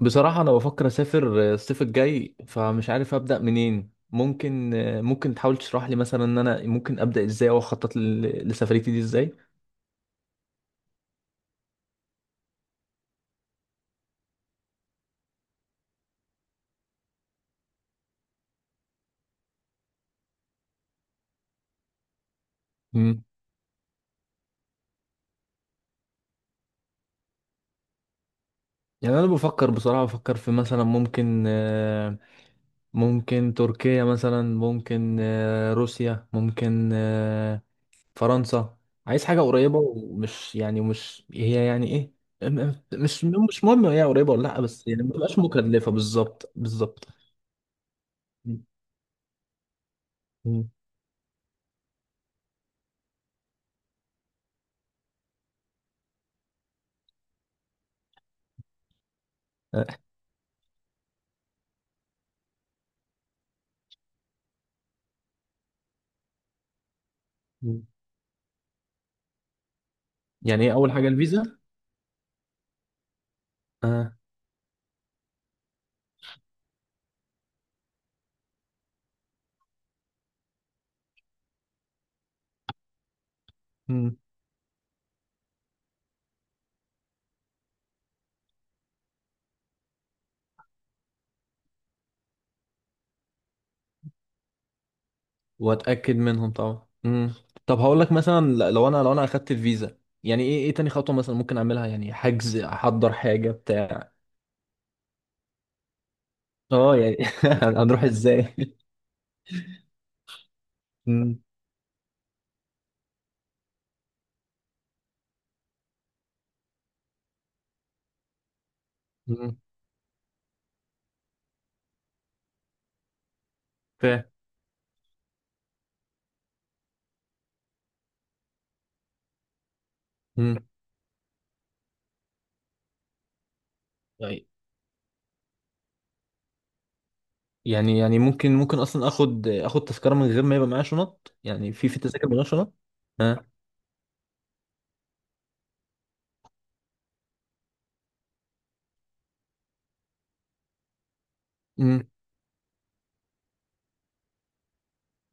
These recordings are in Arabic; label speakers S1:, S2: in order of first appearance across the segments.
S1: بصراحة أنا بفكر أسافر الصيف الجاي، فمش عارف أبدأ منين. ممكن تحاول تشرح لي مثلا إن أنا ممكن أبدأ إزاي، أو أخطط لسفريتي دي إزاي؟ مم. يعني أنا بفكر، بصراحة بفكر في مثلا ممكن ممكن تركيا، مثلا ممكن روسيا، ممكن فرنسا. عايز حاجة قريبة، ومش يعني مش هي يعني إيه. مش مهم هي قريبة ولا لأ، بس يعني ما تبقاش مكلفة، بالظبط بالظبط. مم. مم. يعني ايه اول حاجه الفيزا؟ اه. مم. واتاكد منهم طبعا. طب هقول لك مثلا، لو انا اخدت الفيزا، يعني ايه تاني خطوه مثلا ممكن اعملها؟ يعني حجز، احضر حاجه بتاع. اه يعني هنروح ازاي؟ مم. امم. فاهم. امم. طيب. يعني ممكن اصلا اخد تذكره من غير ما يبقى معايا شنط؟ يعني في تذاكر من غير شنط؟ ها. امم.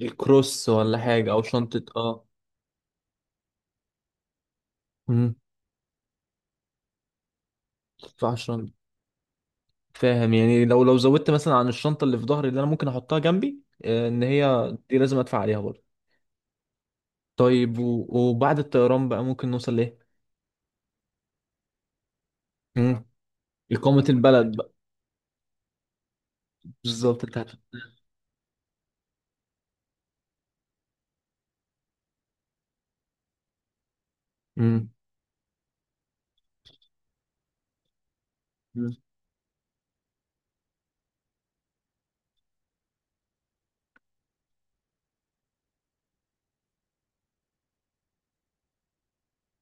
S1: الكروس ولا حاجه او شنطه، اه. امم. ما ينفعش. فاهم، يعني لو زودت مثلا عن الشنطه اللي في ظهري، اللي انا ممكن احطها جنبي، ان هي دي لازم ادفع عليها برضه. طيب، وبعد الطيران بقى ممكن نوصل لايه؟ مم. اقامه البلد بقى، بالظبط. مم.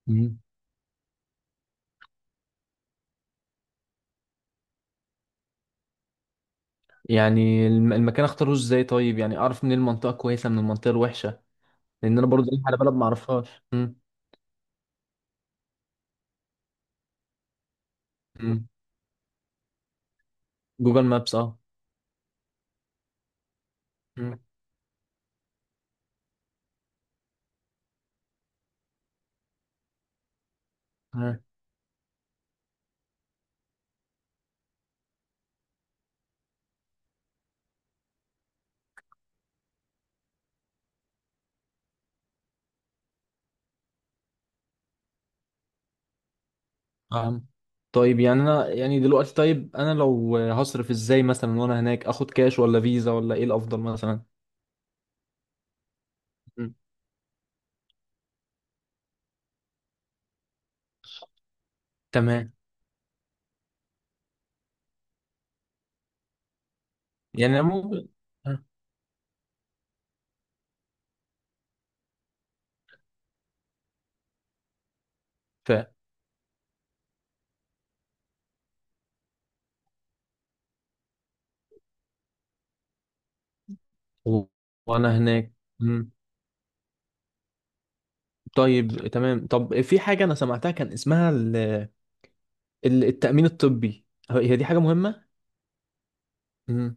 S1: مم. يعني المكان اختاره ازاي؟ طيب، يعني اعرف منين المنطقه كويسه من المنطقه الوحشه؟ لان انا برضه رايح على بلد ما اعرفهاش. مم. مم. جوجل مابس، اه. مم. مم. فاهم. طيب، يعني انا يعني دلوقتي، طيب انا لو هصرف ازاي مثلا وانا هناك؟ اخد كاش ولا فيزا ولا ايه الافضل مثلا؟ مم. تمام. يعني أنا ممكن آه، ف و- وانا هناك. مم. طيب، تمام. طب في حاجة انا سمعتها، كان اسمها التأمين الطبي. هي دي حاجة مهمة؟ مم.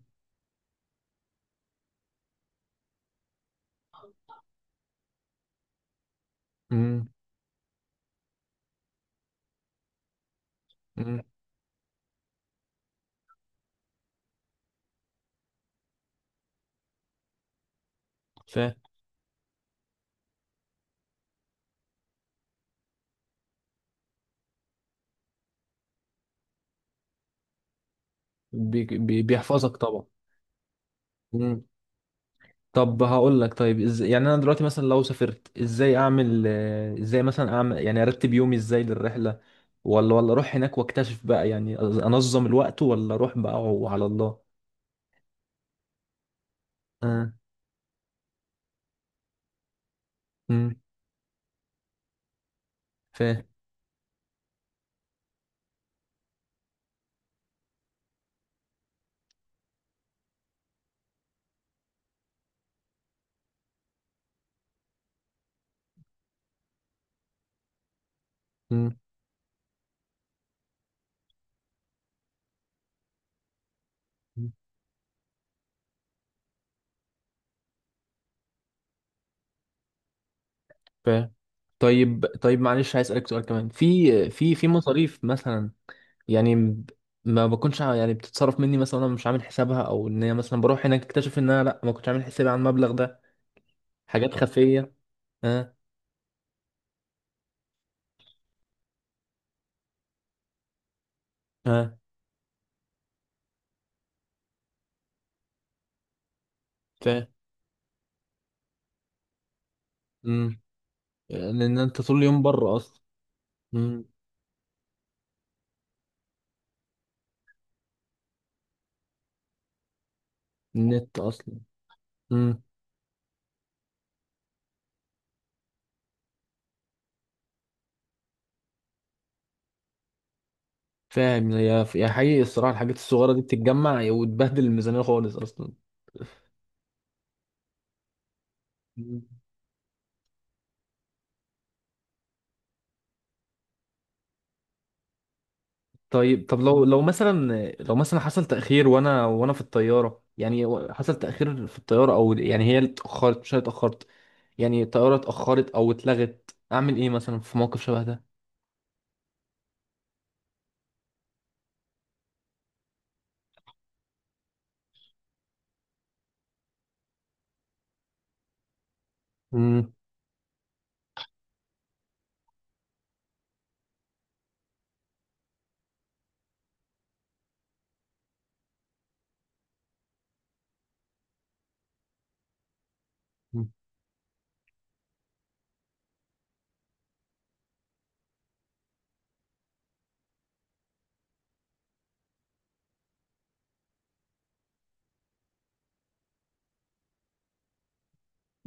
S1: مم. مم. ف بيحفظك طبعا. مم. طب هقول لك، طيب يعني انا دلوقتي مثلا لو سافرت، ازاي اعمل ازاي مثلا اعمل، يعني ارتب يومي ازاي للرحلة؟ ولا اروح هناك واكتشف بقى، يعني انظم الوقت، ولا اروح بقى وعلى الله؟ اه. امم. فاهم. فاهم. طيب، طيب، معلش عايز اسالك سؤال كمان. في في مصاريف مثلا، يعني ما بكونش يعني بتتصرف مني مثلا وانا مش عامل حسابها؟ او ان هي مثلا بروح هناك اكتشف ان انا لا، ما كنتش عامل حسابي على المبلغ ده. حاجات خفيه. اه. اه. فاهم. امم. لان انت طول اليوم بره اصلا. امم. النت اصلا. امم. فاهم، هي حقيقي الصراحه الحاجات الصغيره دي بتتجمع وتبهدل الميزانيه خالص اصلا. طيب، لو لو مثلا حصل تأخير وانا في الطيارة، يعني حصل تأخير في الطيارة، او يعني هي اللي اتأخرت، مش انا اللي اتأخرت. يعني الطيارة اتأخرت او اتلغت، اعمل ايه مثلا في موقف شبه ده؟ مم.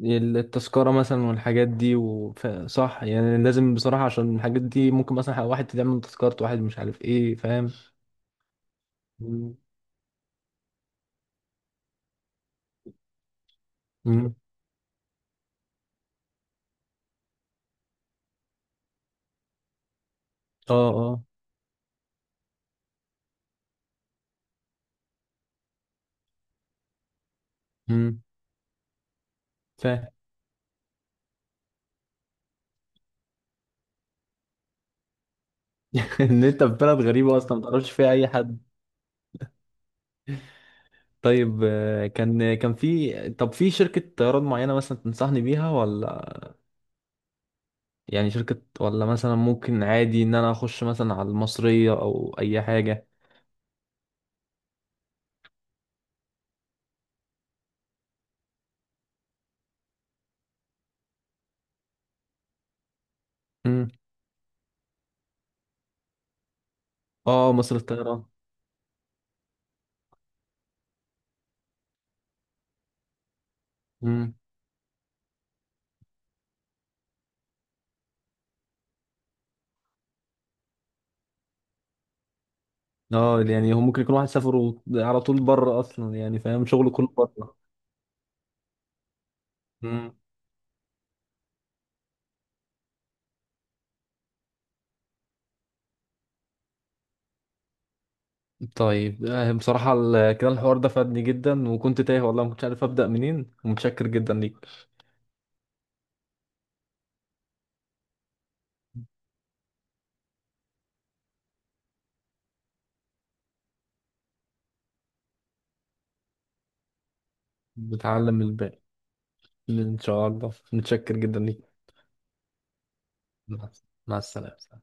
S1: التذكرة مثلا والحاجات دي، صح، يعني لازم بصراحة، عشان الحاجات دي ممكن مثلا واحد تعمل تذكرة، واحد مش عارف ايه، فاهم. مم. مم. اه. اه. امم. فاهم. ان انت في بلد غريبة اصلا ما تعرفش فيها اي حد. طيب، كان كان في، طب، في شركة طيران معينة مثلا تنصحني بيها ولا؟ يعني شركة، ولا مثلا ممكن عادي ان انا اخش مثلا على المصرية او اي حاجة؟ امم. اه، مصر الطيران. امم. اه يعني هو ممكن يكون واحد سافر على طول بره اصلا، يعني فاهم شغله كله بره. امم. طيب، بصراحة كده الحوار ده فادني جدا، وكنت تايه والله ما كنتش عارف ابدأ منين. ومتشكر جدا ليك. بتعلم الباقي. ان شاء الله، متشكر جدا ليك. مع مع السلامة.